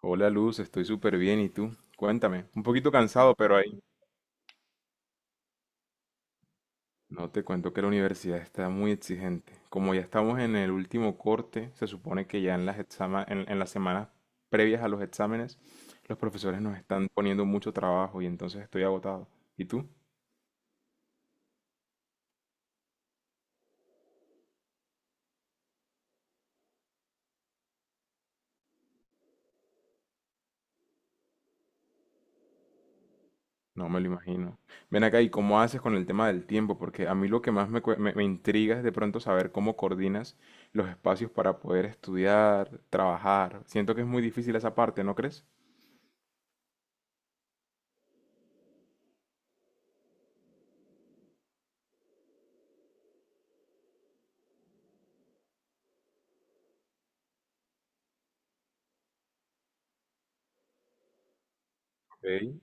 Hola Luz, estoy súper bien. ¿Y tú? Cuéntame. Un poquito cansado, pero ahí. No te cuento que la universidad está muy exigente. Como ya estamos en el último corte, se supone que ya en las en las semanas previas a los exámenes, los profesores nos están poniendo mucho trabajo y entonces estoy agotado. ¿Y tú? No me lo imagino. Ven acá, ¿y cómo haces con el tema del tiempo? Porque a mí lo que más me, cue- me me intriga es de pronto saber cómo coordinas los espacios para poder estudiar, trabajar. Siento que es muy difícil esa parte, ¿no crees? Ok.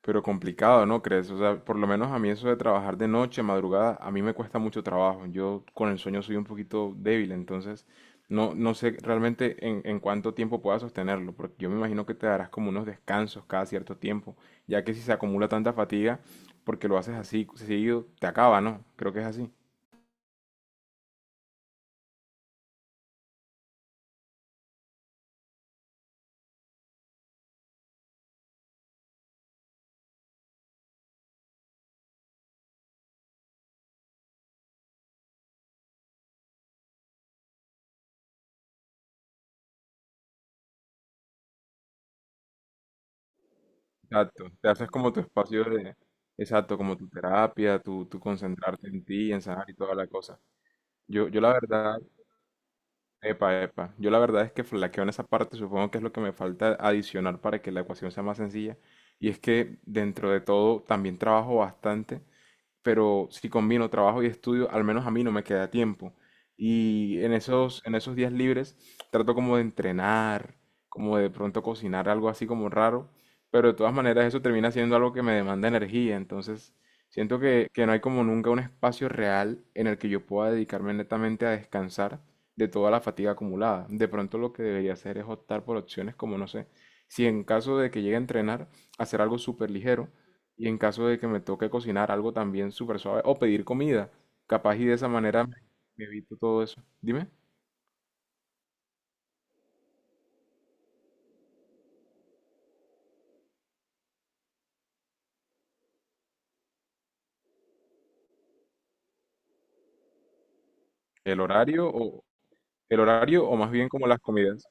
Pero complicado, ¿no crees? O sea, por lo menos a mí eso de trabajar de noche, madrugada, a mí me cuesta mucho trabajo. Yo con el sueño soy un poquito débil, entonces no, no sé realmente en cuánto tiempo pueda sostenerlo, porque yo me imagino que te darás como unos descansos cada cierto tiempo, ya que si se acumula tanta fatiga, porque lo haces así seguido, te acaba, ¿no? Creo que es así. Exacto, te haces como tu espacio de, exacto, como tu terapia, tu concentrarte en ti, en sanar y toda la cosa. Yo, yo la verdad, Epa, epa. Yo la verdad es que flaqueo en esa parte, supongo que es lo que me falta adicionar para que la ecuación sea más sencilla. Y es que dentro de todo también trabajo bastante, pero si combino trabajo y estudio, al menos a mí no me queda tiempo. Y en esos días libres trato como de entrenar, como de pronto cocinar algo así como raro, pero de todas maneras eso termina siendo algo que me demanda energía, entonces siento que, no hay como nunca un espacio real en el que yo pueda dedicarme netamente a descansar de toda la fatiga acumulada. De pronto lo que debería hacer es optar por opciones como, no sé, si en caso de que llegue a entrenar, hacer algo súper ligero, y en caso de que me toque cocinar algo también súper suave o pedir comida, capaz y de esa manera me evito todo eso. Dime, ¿el horario o el horario o más bien como las comidas?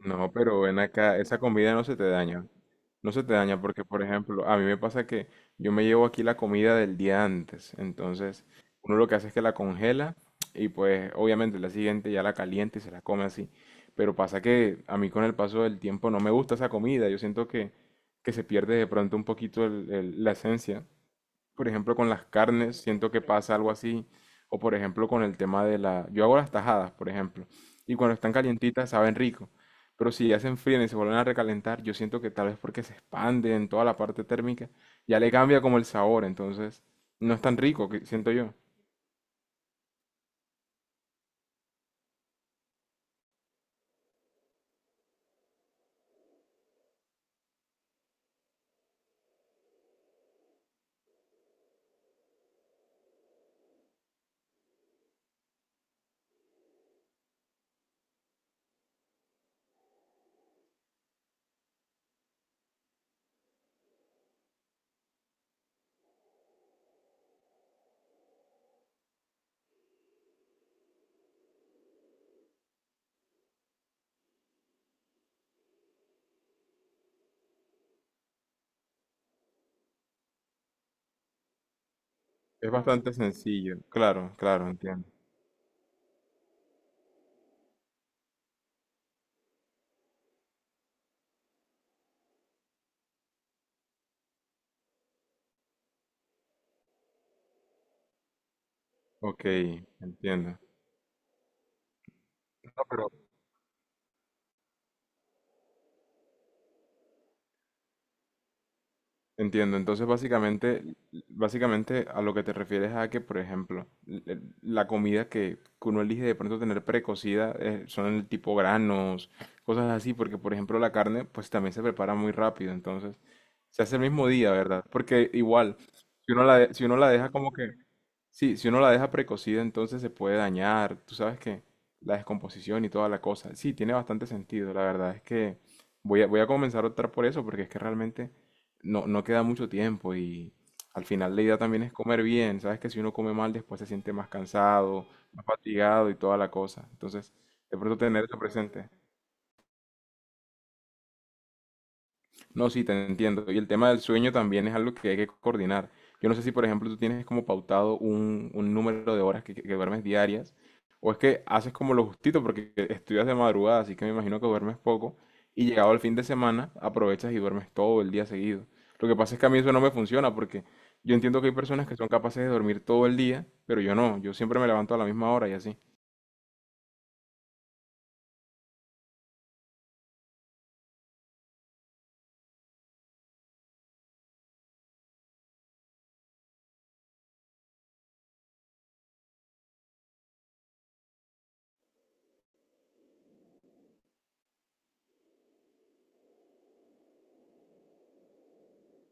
No, pero ven acá, esa comida no se te daña. No se te daña porque, por ejemplo, a mí me pasa que yo me llevo aquí la comida del día antes. Entonces, uno lo que hace es que la congela y pues obviamente la siguiente ya la calienta y se la come así. Pero pasa que a mí con el paso del tiempo no me gusta esa comida. Yo siento que, se pierde de pronto un poquito la esencia. Por ejemplo, con las carnes, siento que pasa algo así. O, por ejemplo, con el tema de la... yo hago las tajadas, por ejemplo. Y cuando están calientitas saben rico. Pero si ya se enfrían y se vuelven a recalentar, yo siento que tal vez porque se expande en toda la parte térmica, ya le cambia como el sabor. Entonces, no es tan rico, que siento yo. Es bastante sencillo. Claro, claro, entiendo. Ok, entiendo. No, pero Entiendo. Entonces, básicamente a lo que te refieres, a que, por ejemplo, la comida que uno elige de pronto tener precocida son el tipo granos, cosas así, porque por ejemplo la carne pues también se prepara muy rápido, entonces se hace el mismo día, ¿verdad? Porque igual, si uno la deja como que, sí, si uno la deja precocida entonces se puede dañar, tú sabes que la descomposición y toda la cosa, sí, tiene bastante sentido. La verdad es que voy a comenzar a optar por eso, porque es que realmente no, no queda mucho tiempo y al final la idea también es comer bien. Sabes que si uno come mal después se siente más cansado, más fatigado y toda la cosa. Entonces, de pronto tener eso presente. No, sí, te entiendo. Y el tema del sueño también es algo que hay que coordinar. Yo no sé si, por ejemplo, tú tienes como pautado un número de horas que, que duermes diarias, o es que haces como lo justito porque estudias de madrugada, así que me imagino que duermes poco, y llegado el fin de semana aprovechas y duermes todo el día seguido. Lo que pasa es que a mí eso no me funciona, porque yo entiendo que hay personas que son capaces de dormir todo el día, pero yo no, yo siempre me levanto a la misma hora y así,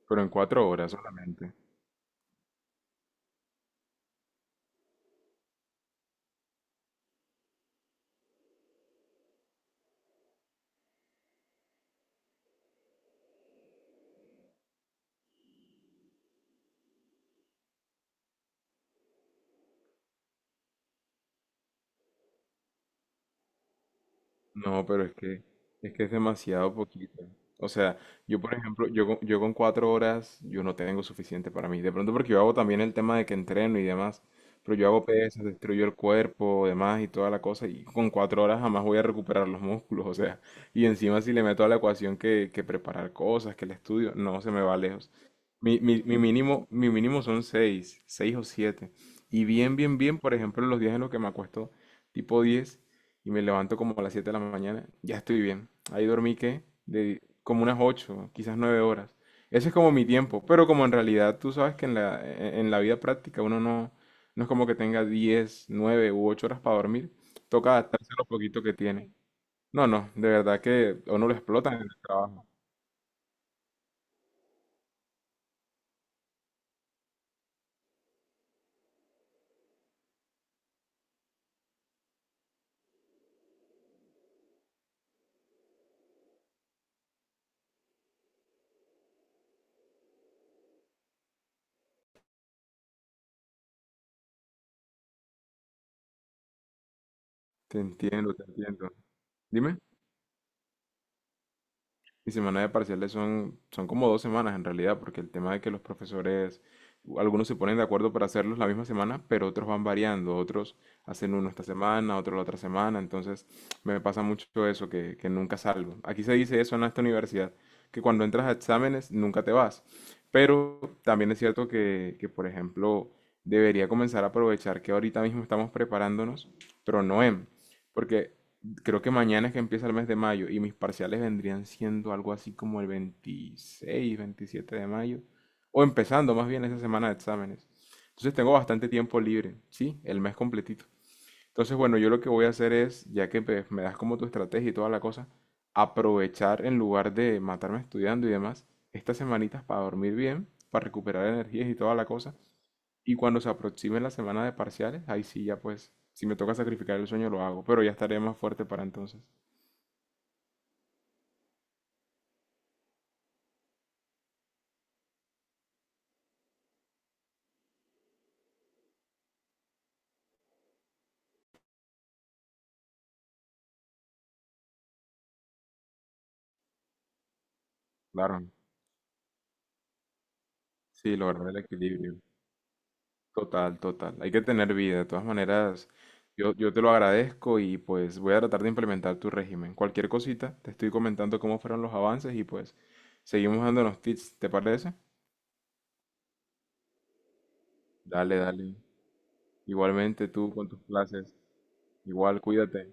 pero en 4 horas solamente. No, pero es que, es demasiado poquito. O sea, yo por ejemplo, yo con 4 horas, yo no tengo suficiente para mí. De pronto porque yo hago también el tema de que entreno y demás, pero yo hago pesas, destruyo el cuerpo, demás y toda la cosa, y con 4 horas jamás voy a recuperar los músculos, o sea, y encima si le meto a la ecuación que preparar cosas, que el estudio, no, se me va lejos. Mi mínimo son seis o siete. Y bien, bien, bien, por ejemplo, en los días en los que me acuesto tipo 10 y me levanto como a las 7 de la mañana, ya estoy bien. Ahí dormí que de como unas 8 quizás 9 horas. Ese es como mi tiempo, pero como en realidad tú sabes que en la vida práctica uno no, no es como que tenga 10, 9 u 8 horas para dormir, toca adaptarse a lo poquito que tiene. No, no, de verdad que a uno lo explotan en el trabajo. Te entiendo, te entiendo. Dime. Mi semana de parciales son como 2 semanas en realidad, porque el tema de que los profesores, algunos se ponen de acuerdo para hacerlos la misma semana, pero otros van variando, otros hacen uno esta semana, otro la otra semana, entonces me pasa mucho eso, que, nunca salgo. Aquí se dice eso en esta universidad, que cuando entras a exámenes nunca te vas, pero también es cierto que por ejemplo, debería comenzar a aprovechar que ahorita mismo estamos preparándonos, pero no en, porque creo que mañana es que empieza el mes de mayo y mis parciales vendrían siendo algo así como el 26, 27 de mayo, o empezando más bien esa semana de exámenes. Entonces tengo bastante tiempo libre, ¿sí? El mes completito. Entonces, bueno, yo lo que voy a hacer es, ya que pues me das como tu estrategia y toda la cosa, aprovechar, en lugar de matarme estudiando y demás, estas semanitas para dormir bien, para recuperar energías y toda la cosa. Y cuando se aproxime la semana de parciales, ahí sí ya pues, si me toca sacrificar el sueño lo hago, pero ya estaré más fuerte para entonces. Claro, sí, lograr el equilibrio. Total, total. Hay que tener vida. De todas maneras, yo te lo agradezco y pues voy a tratar de implementar tu régimen. Cualquier cosita, te estoy comentando cómo fueron los avances y pues seguimos dándonos tips, ¿te parece? Dale, dale. Igualmente tú con tus clases. Igual, cuídate.